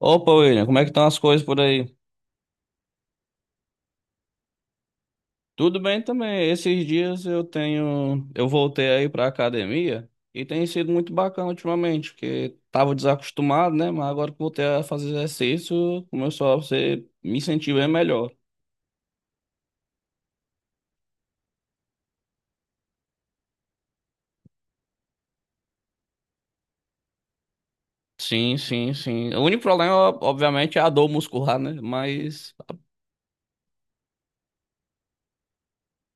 Opa, William, como é que estão as coisas por aí? Tudo bem também. Esses dias eu voltei aí pra academia e tem sido muito bacana ultimamente, porque tava desacostumado, né? Mas agora que voltei a fazer exercício, começou a ser, me sentir bem melhor. Sim, sim, sim. O único problema, obviamente, é a dor muscular, né? Mas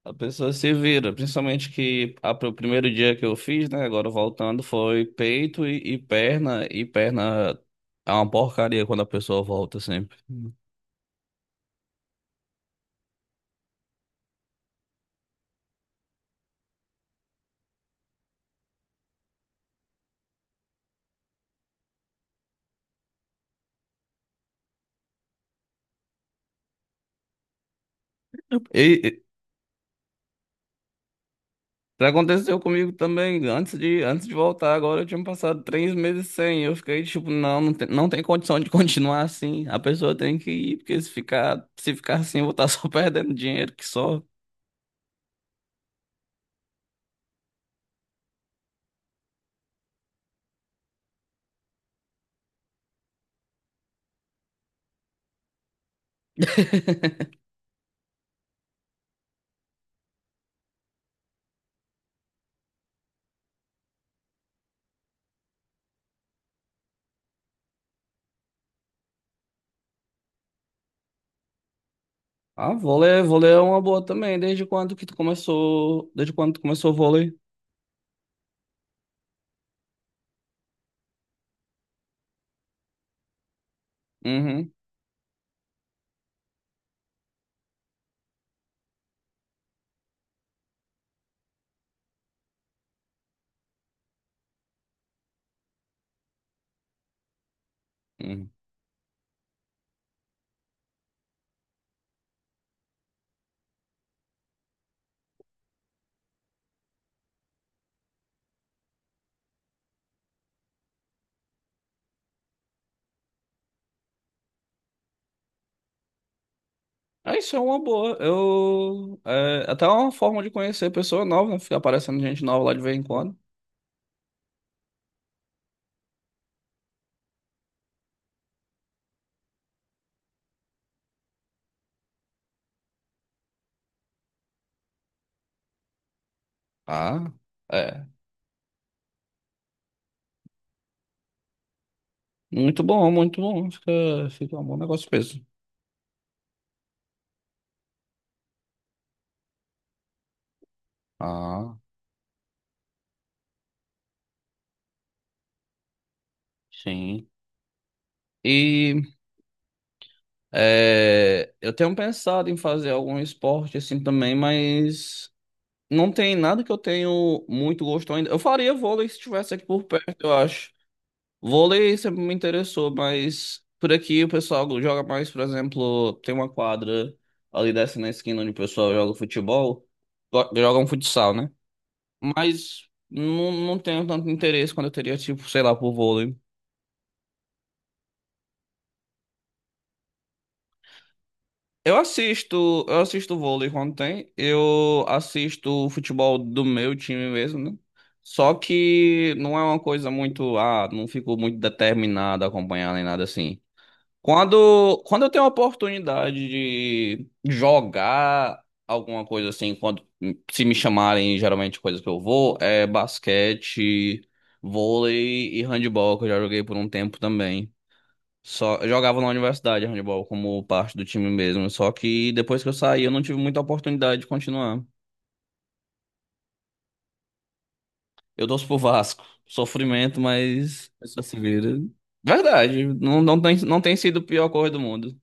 a pessoa se vira, principalmente que a, o primeiro dia que eu fiz, né? Agora voltando, foi peito e perna, e perna é uma porcaria quando a pessoa volta sempre. E, e Aconteceu comigo também, antes de voltar, agora eu tinha passado três meses sem, eu fiquei tipo, não, não tem condição de continuar assim, a pessoa tem que ir, porque se ficar assim, eu vou estar só perdendo dinheiro que só. Ah, vôlei é uma boa também, desde quando tu começou o vôlei? Uhum, uhum. Ah, isso é uma boa. Eu. É, até uma forma de conhecer pessoa nova, né? Ficar aparecendo gente nova lá de vez em quando. Ah, é. Muito bom, muito bom. Fica um bom negócio mesmo. Ah, sim. E eu tenho pensado em fazer algum esporte assim também, mas não tem nada que eu tenho muito gosto ainda. Eu faria vôlei se estivesse aqui por perto, eu acho. Vôlei sempre me interessou, mas por aqui o pessoal joga mais, por exemplo, tem uma quadra ali dessa na esquina onde o pessoal joga futebol, joga um futsal, né? Mas não, não tenho tanto interesse quando eu teria, tipo, sei lá, por vôlei. Eu assisto vôlei quando tem, eu assisto o futebol do meu time mesmo, né? Só que não é uma coisa muito, ah, não fico muito determinado a acompanhar nem nada assim. Quando eu tenho a oportunidade de jogar alguma coisa assim, quando se me chamarem, geralmente coisas que eu vou, é basquete, vôlei e handebol, que eu já joguei por um tempo também. Só, eu jogava na universidade handebol como parte do time mesmo, só que depois que eu saí eu não tive muita oportunidade de continuar. Eu torço pro Vasco, sofrimento, mas a pessoa se vira. Verdade, não, não tem, não tem sido a pior coisa do mundo.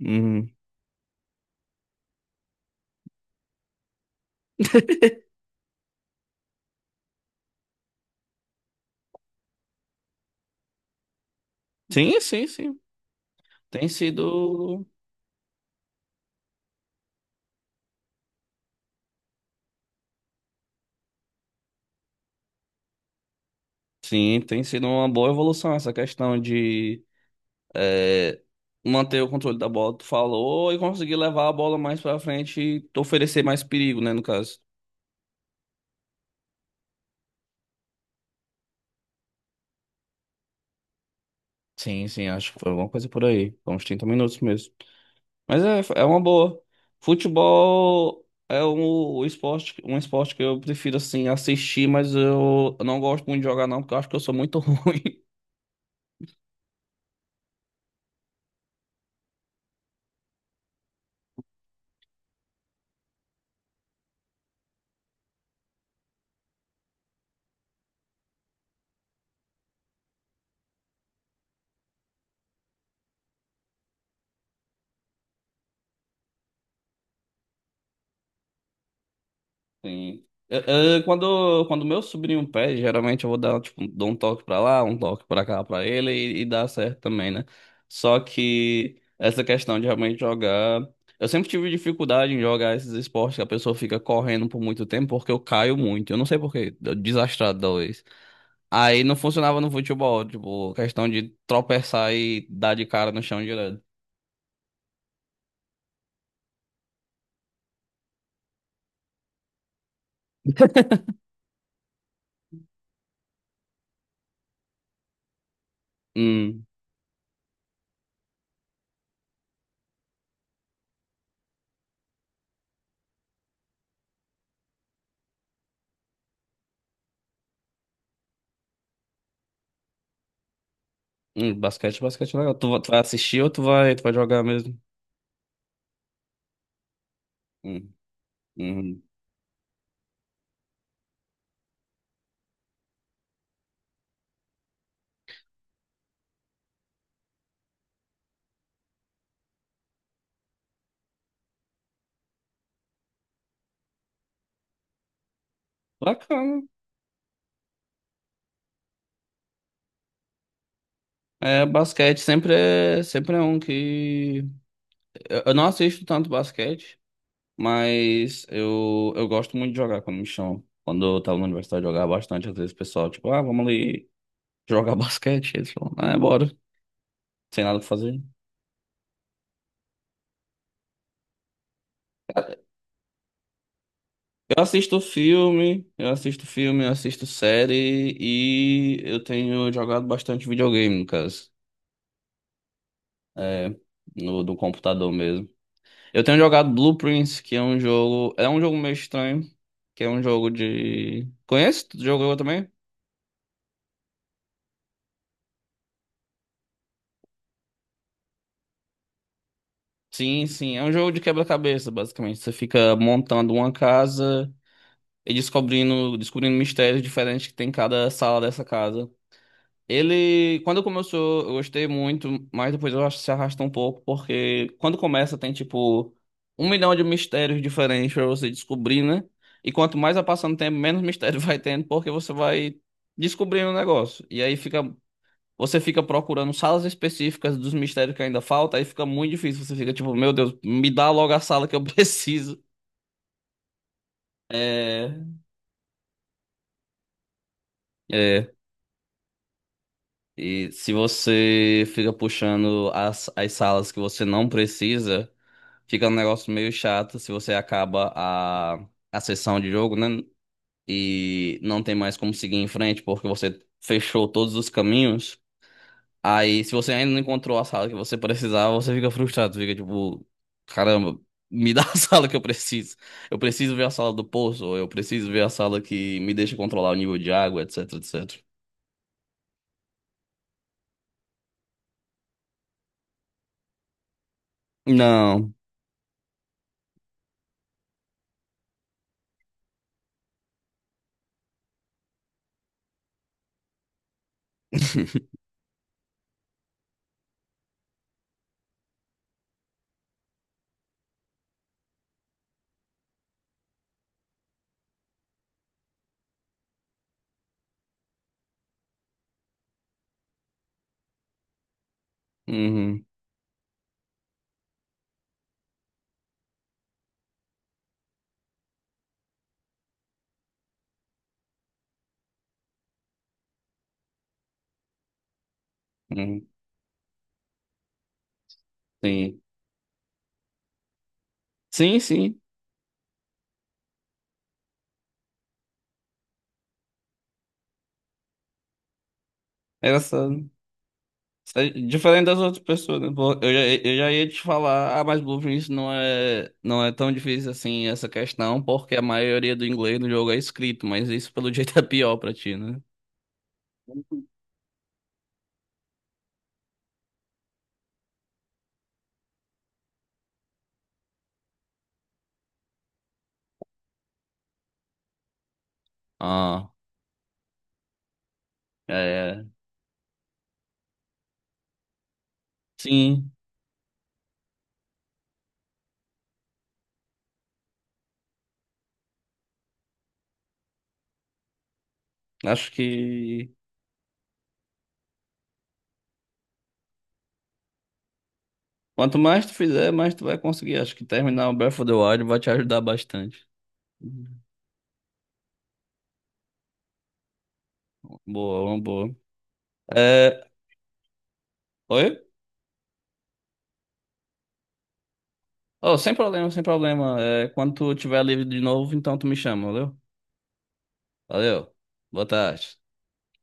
Uhum. Sim, sim, sim. Tem sido, sim, tem sido uma boa evolução essa questão de é, manter o controle da bola, tu falou, e conseguir levar a bola mais pra frente e oferecer mais perigo, né, no caso. Sim, sim, acho que foi alguma coisa por aí. Foi uns 30 minutos mesmo. Mas é, é uma boa. Futebol é um, o esporte, um esporte que eu prefiro, assim, assistir, mas eu não gosto muito de jogar, não, porque eu acho que eu sou muito ruim. Sim. Quando meu sobrinho pede, geralmente eu vou dar, tipo, dou um toque pra lá, um toque pra cá pra ele e dá certo também, né? Só que essa questão de realmente jogar. Eu sempre tive dificuldade em jogar esses esportes que a pessoa fica correndo por muito tempo porque eu caio muito. Eu não sei por quê, desastrado talvez. Aí não funcionava no futebol, tipo, questão de tropeçar e dar de cara no chão direto. Hum, basquete, basquete é legal. Tu vai assistir ou tu vai jogar mesmo? Hum. Uhum. Bacana. É, basquete sempre é um que. Eu não assisto tanto basquete, mas eu gosto muito de jogar quando me chamam. Quando eu tava na universidade, eu jogava bastante. Às vezes o pessoal, tipo, ah, vamos ali jogar basquete. Eles falam, ah, é, bora. Sem nada pra fazer. Eu assisto filme, eu assisto série e eu tenho jogado bastante videogame, no caso. É, no, do computador mesmo. Eu tenho jogado Blueprints, que é um jogo. É um jogo meio estranho. Que é um jogo de. Conhece? Tu jogou também? Sim, sim. É um jogo de quebra-cabeça, basicamente. Você fica montando uma casa e descobrindo, descobrindo mistérios diferentes que tem em cada sala dessa casa. Ele, quando começou, eu gostei muito, mas depois eu acho que se arrastou um pouco, porque quando começa tem tipo um milhão de mistérios diferentes pra você descobrir, né? E quanto mais vai passando o tempo, menos mistério vai tendo, porque você vai descobrindo o negócio. E aí fica, você fica procurando salas específicas dos mistérios que ainda falta, aí fica muito difícil. Você fica tipo, meu Deus, me dá logo a sala que eu preciso. É, é. E se você fica puxando as, as salas que você não precisa. Fica um negócio meio chato se você acaba a sessão de jogo, né? E não tem mais como seguir em frente porque você fechou todos os caminhos. Aí, se você ainda não encontrou a sala que você precisava, você fica frustrado, fica tipo, caramba, me dá a sala que eu preciso. Eu preciso ver a sala do poço, ou eu preciso ver a sala que me deixa controlar o nível de água, etc, etc. Não. Uhum, uhum, sim. Sim, sim. Essa é diferente das outras pessoas, né? Pô, eu já, eu já ia te falar, ah, mas Blueprint não é tão difícil assim essa questão, porque a maioria do inglês no jogo é escrito, mas isso pelo jeito é pior pra ti, né? Ah, é. Sim, acho que quanto mais tu fizer, mais tu vai conseguir. Acho que terminar o Breath of the Wild vai te ajudar bastante. Boa, uma boa. É, oi? Oh, sem problema, sem problema. É, quando tu tiver livre de novo, então tu me chama, valeu? Valeu. Boa tarde.